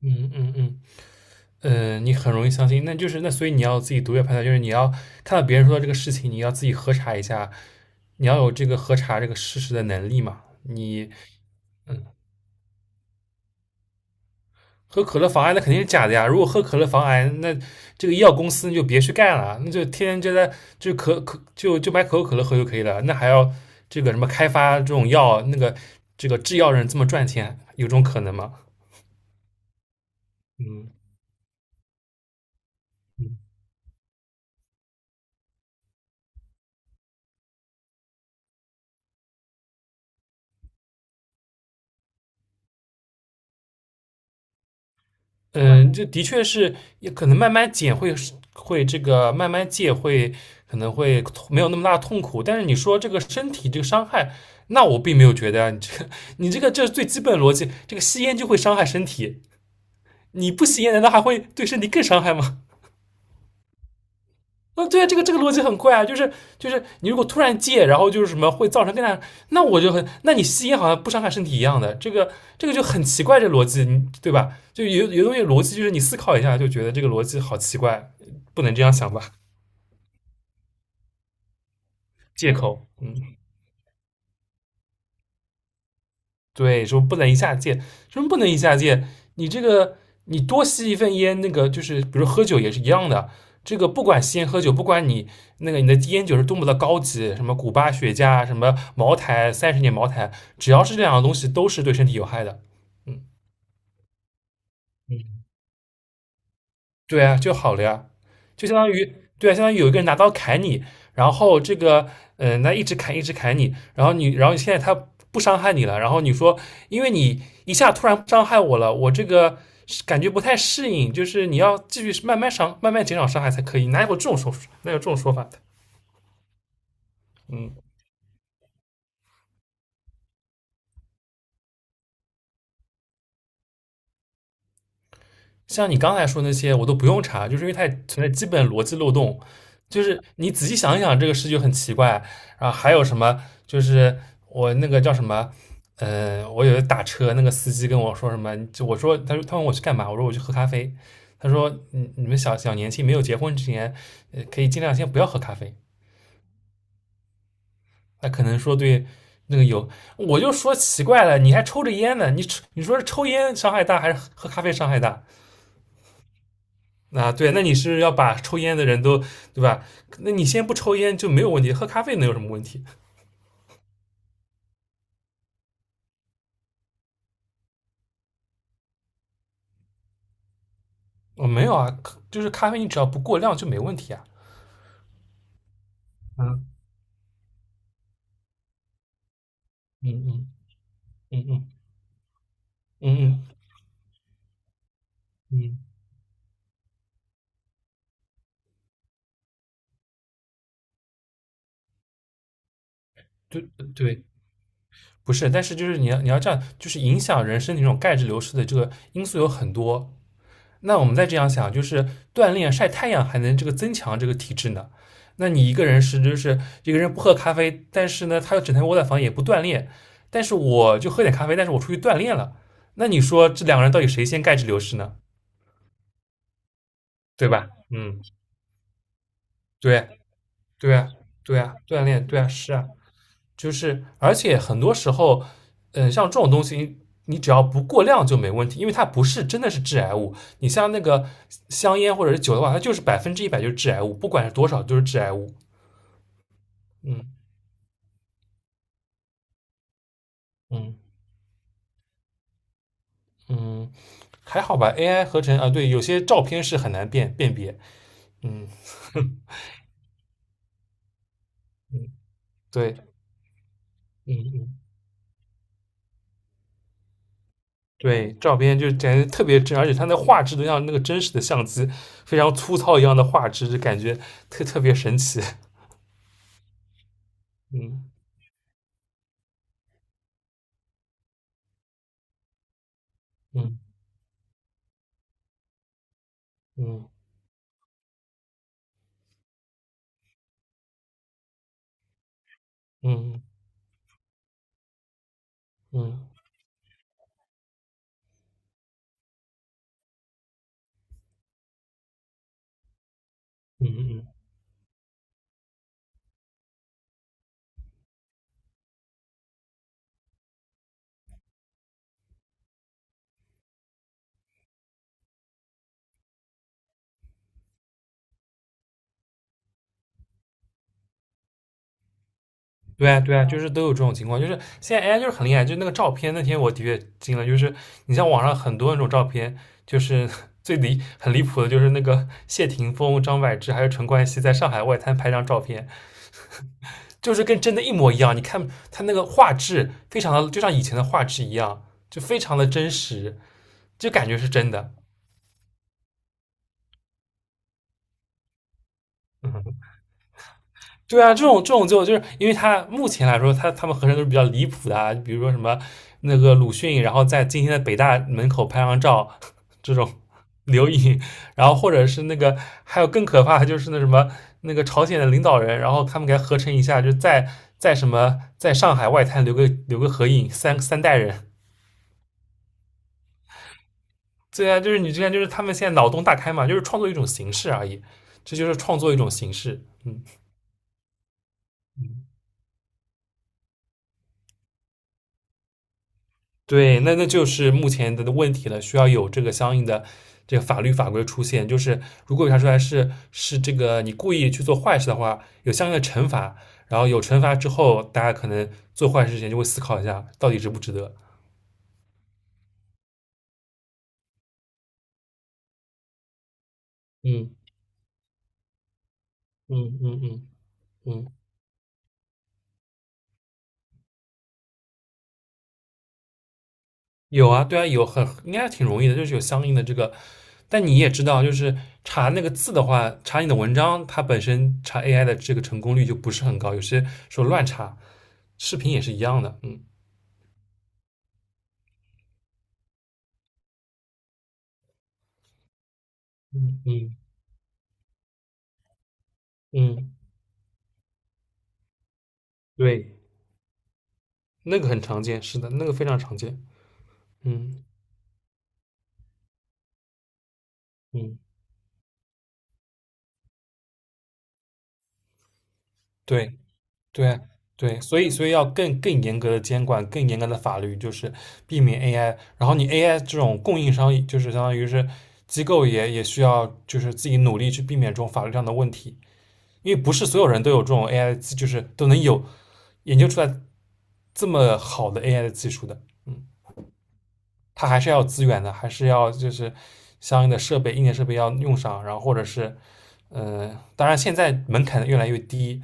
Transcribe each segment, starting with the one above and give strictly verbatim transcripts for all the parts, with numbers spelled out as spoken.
嗯嗯嗯，呃，你很容易相信，那就是那所以你要自己独立判断，就是你要看到别人说的这个事情，你要自己核查一下，你要有这个核查这个事实的能力嘛。你喝可乐防癌，那肯定是假的呀。如果喝可乐防癌，那这个医药公司就别去干了，那就天天就在就可可就就买可口可乐喝就可以了。那还要这个什么开发这种药，那个这个制药人这么赚钱，有这种可能吗？嗯嗯，这的确是，也可能慢慢减会会这个慢慢戒会，可能会没有那么大的痛苦。但是你说这个身体这个伤害，那我并没有觉得啊，你这个你这个这是最基本的逻辑，这个吸烟就会伤害身体，你不吸烟难道还会对身体更伤害吗？那对啊，这个这个逻辑很怪啊，就是就是你如果突然戒，然后就是什么会造成更大，那我就很，那你吸烟好像不伤害身体一样的，这个这个就很奇怪，这逻辑对吧？就有有东西逻辑就是你思考一下就觉得这个逻辑好奇怪，不能这样想吧？借口，嗯，对，说不能一下戒，什么不能一下戒？你这个你多吸一份烟，那个就是比如喝酒也是一样的，这个不管吸烟喝酒，不管你那个你的烟酒是多么的高级，什么古巴雪茄啊，什么茅台，三十年茅台，只要是这两个东西，都是对身体有害的。嗯，对啊，就好了呀，就相当于对啊，相当于有一个人拿刀砍你，然后这个嗯、呃那一直砍一直砍你，然后你然后现在他不伤害你了，然后你说因为你一下突然伤害我了，我这个是感觉不太适应，就是你要继续慢慢伤慢慢减少伤害才可以，哪有这种说法，哪有这种说法的？嗯，像你刚才说那些，我都不用查，就是因为它也存在基本逻辑漏洞。就是你仔细想一想，这个事就很奇怪。然后还有什么？就是我那个叫什么？呃，我有一次打车，那个司机跟我说什么？就我说，他说他问我去干嘛？我说我去喝咖啡。他说，你你们小小年轻没有结婚之前，呃，可以尽量先不要喝咖啡。那可能说对，那个有，我就说奇怪了，你还抽着烟呢？你抽你说是抽烟伤害大还是喝咖啡伤害大？啊，对，那你是要把抽烟的人都，对吧？那你先不抽烟就没有问题，喝咖啡能有什么问题？我没有啊，就是咖啡你只要不过量就没问题啊。啊，嗯嗯嗯嗯嗯嗯嗯，对对，不是，但是就是你要你要这样，就是影响人身体这种钙质流失的这个因素有很多。那我们再这样想，就是锻炼晒太阳还能这个增强这个体质呢。那你一个人是就是一个人不喝咖啡，但是呢他又整天窝在房也不锻炼，但是我就喝点咖啡，但是我出去锻炼了。那你说这两个人到底谁先钙质流失呢？对吧？嗯，对啊，对啊，对啊，锻炼，对啊，是啊。就是而且很多时候，嗯，像这种东西，你只要不过量就没问题，因为它不是真的是致癌物。你像那个香烟或者是酒的话，它就是百分之一百就是致癌物，不管是多少都是致癌物。嗯嗯嗯，还好吧，A I 合成啊，对，有些照片是很难辨辨别。嗯 嗯，对，嗯嗯。对，照片就感觉特别真，而且它那画质都像那个真实的相机，非常粗糙一样的画质，就感觉特特别神奇。嗯嗯。嗯嗯嗯嗯嗯，对啊对啊，就是都有这种情况，就是现在 A I 就是很厉害，就是那个照片，那天我的确惊了，就是你像网上很多那种照片，就是 最离很离谱的，就是那个 谢霆锋、张柏芝还有陈冠希在上海外滩拍张照片，就是跟真的一模一样，你看他那个画质非常的，就像以前的画质一样，就非常的真实，就感觉是真的，对啊，这种这种就就是因为他目前来说，他他们合成都是比较离谱的、啊，比如说什么那个鲁迅，然后在今天的北大门口拍张照，这种留影，然后或者是那个还有更可怕的就是那什么那个朝鲜的领导人，然后他们给他合成一下，就在在什么在上海外滩留个留个合影，三三代人，对啊，就是你之前就是他们现在脑洞大开嘛，就是创作一种形式而已，这就是创作一种形式，嗯嗯。对，那那就是目前的问题了，需要有这个相应的这个法律法规出现。就是如果查出来是是这个你故意去做坏事的话，有相应的惩罚，然后有惩罚之后，大家可能做坏事之前就会思考一下，到底值不值得。嗯嗯嗯嗯嗯，有啊，对啊，有很应该挺容易的，就是有相应的这个。但你也知道，就是查那个字的话，查你的文章，它本身查 A I 的这个成功率就不是很高，有些时候乱查，视频也是一样的，嗯。嗯嗯，对，那个很常见，是的，那个非常常见。嗯嗯，对对对，所以所以要更更严格的监管，更严格的法律，就是避免 A I。然后你 A I 这种供应商，就是相当于是机构也也需要就是自己努力去避免这种法律上的问题，因为不是所有人都有这种 A I 的技就是都能有研究出来这么好的 A I 的技术的。嗯。它还是要资源的，还是要就是相应的设备、硬件设备要用上，然后或者是，呃，当然现在门槛越来越低，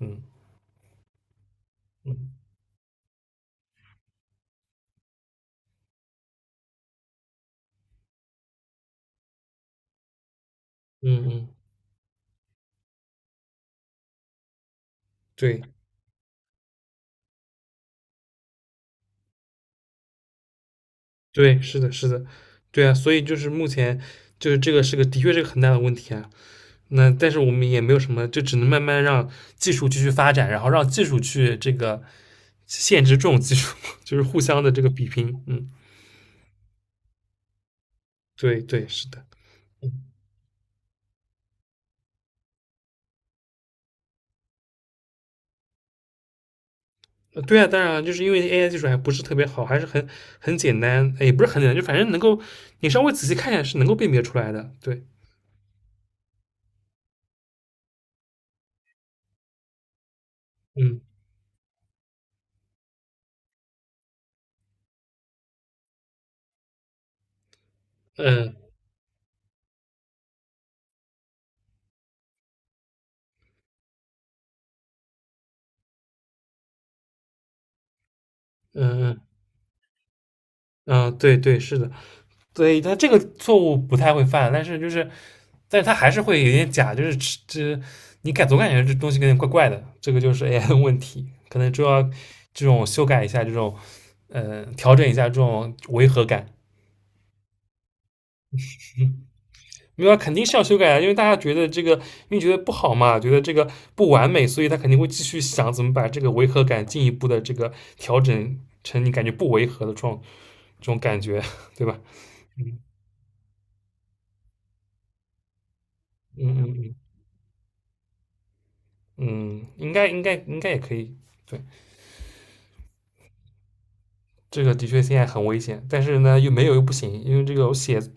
嗯嗯嗯嗯，对对，是的，是的，对啊，所以就是目前就是这个是个的确是个很大的问题啊。那但是我们也没有什么，就只能慢慢让技术继续发展，然后让技术去这个限制这种技术，就是互相的这个比拼。嗯，对对，是的。呃对啊，当然啊就是因为 A I 技术还不是特别好，还是很很简单，哎也不是很简单，就反正能够你稍微仔细看一下是能够辨别出来的。对，嗯嗯嗯嗯嗯，对对是的，对他这个错误不太会犯，但是就是，但是他还是会有点假，就是这你感总感觉这东西有点怪怪的，这个就是 A I 的问题，可能就要这种修改一下，这种呃调整一下这种违和感。没有，肯定是要修改啊，因为大家觉得这个，因为觉得不好嘛，觉得这个不完美，所以他肯定会继续想怎么把这个违和感进一步的这个调整成你感觉不违和的这种这种感觉，对吧？嗯嗯嗯嗯，应该应该应该也可以。对，这个的确现在很危险，但是呢又没有又不行，因为这个我写写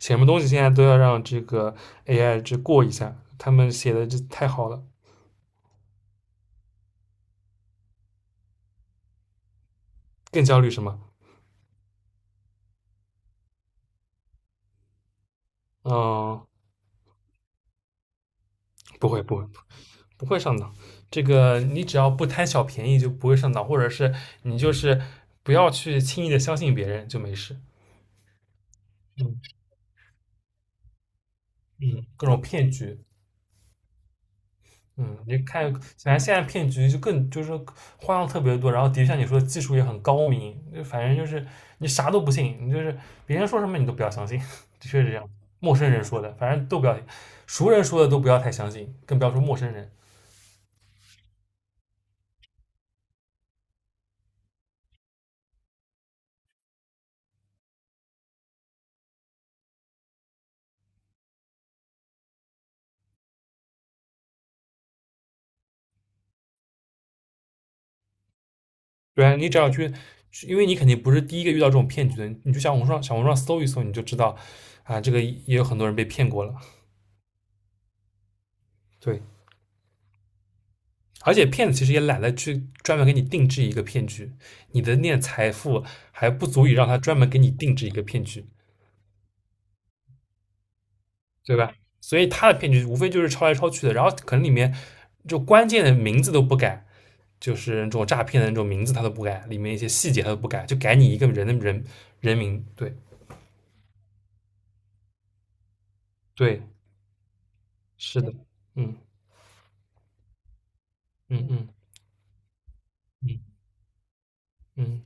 什么东西现在都要让这个 A I 这过一下，他们写的这太好了，更焦虑什么？嗯，不会不会，不会上当。这个你只要不贪小便宜，就不会上当，或者是你就是不要去轻易的相信别人，就没事。嗯嗯，各种骗局，嗯，你看，反正现在骗局就更就是说花样特别多，然后的确像你说的技术也很高明，就反正就是你啥都不信，你就是别人说什么你都不要相信，的确是这样。陌生人说的，反正都不要，熟人说的都不要太相信，更不要说陌生人。对啊，你只要去，因为你肯定不是第一个遇到这种骗局的，你就小红书上小红书上搜一搜，你就知道啊，这个也有很多人被骗过了。对，而且骗子其实也懒得去专门给你定制一个骗局，你的那点财富还不足以让他专门给你定制一个骗局，对吧？所以他的骗局无非就是抄来抄去的，然后可能里面就关键的名字都不改，就是这种诈骗的那种名字他都不改，里面一些细节他都不改，就改你一个人的人人名。对对，是的，嗯嗯嗯。嗯嗯，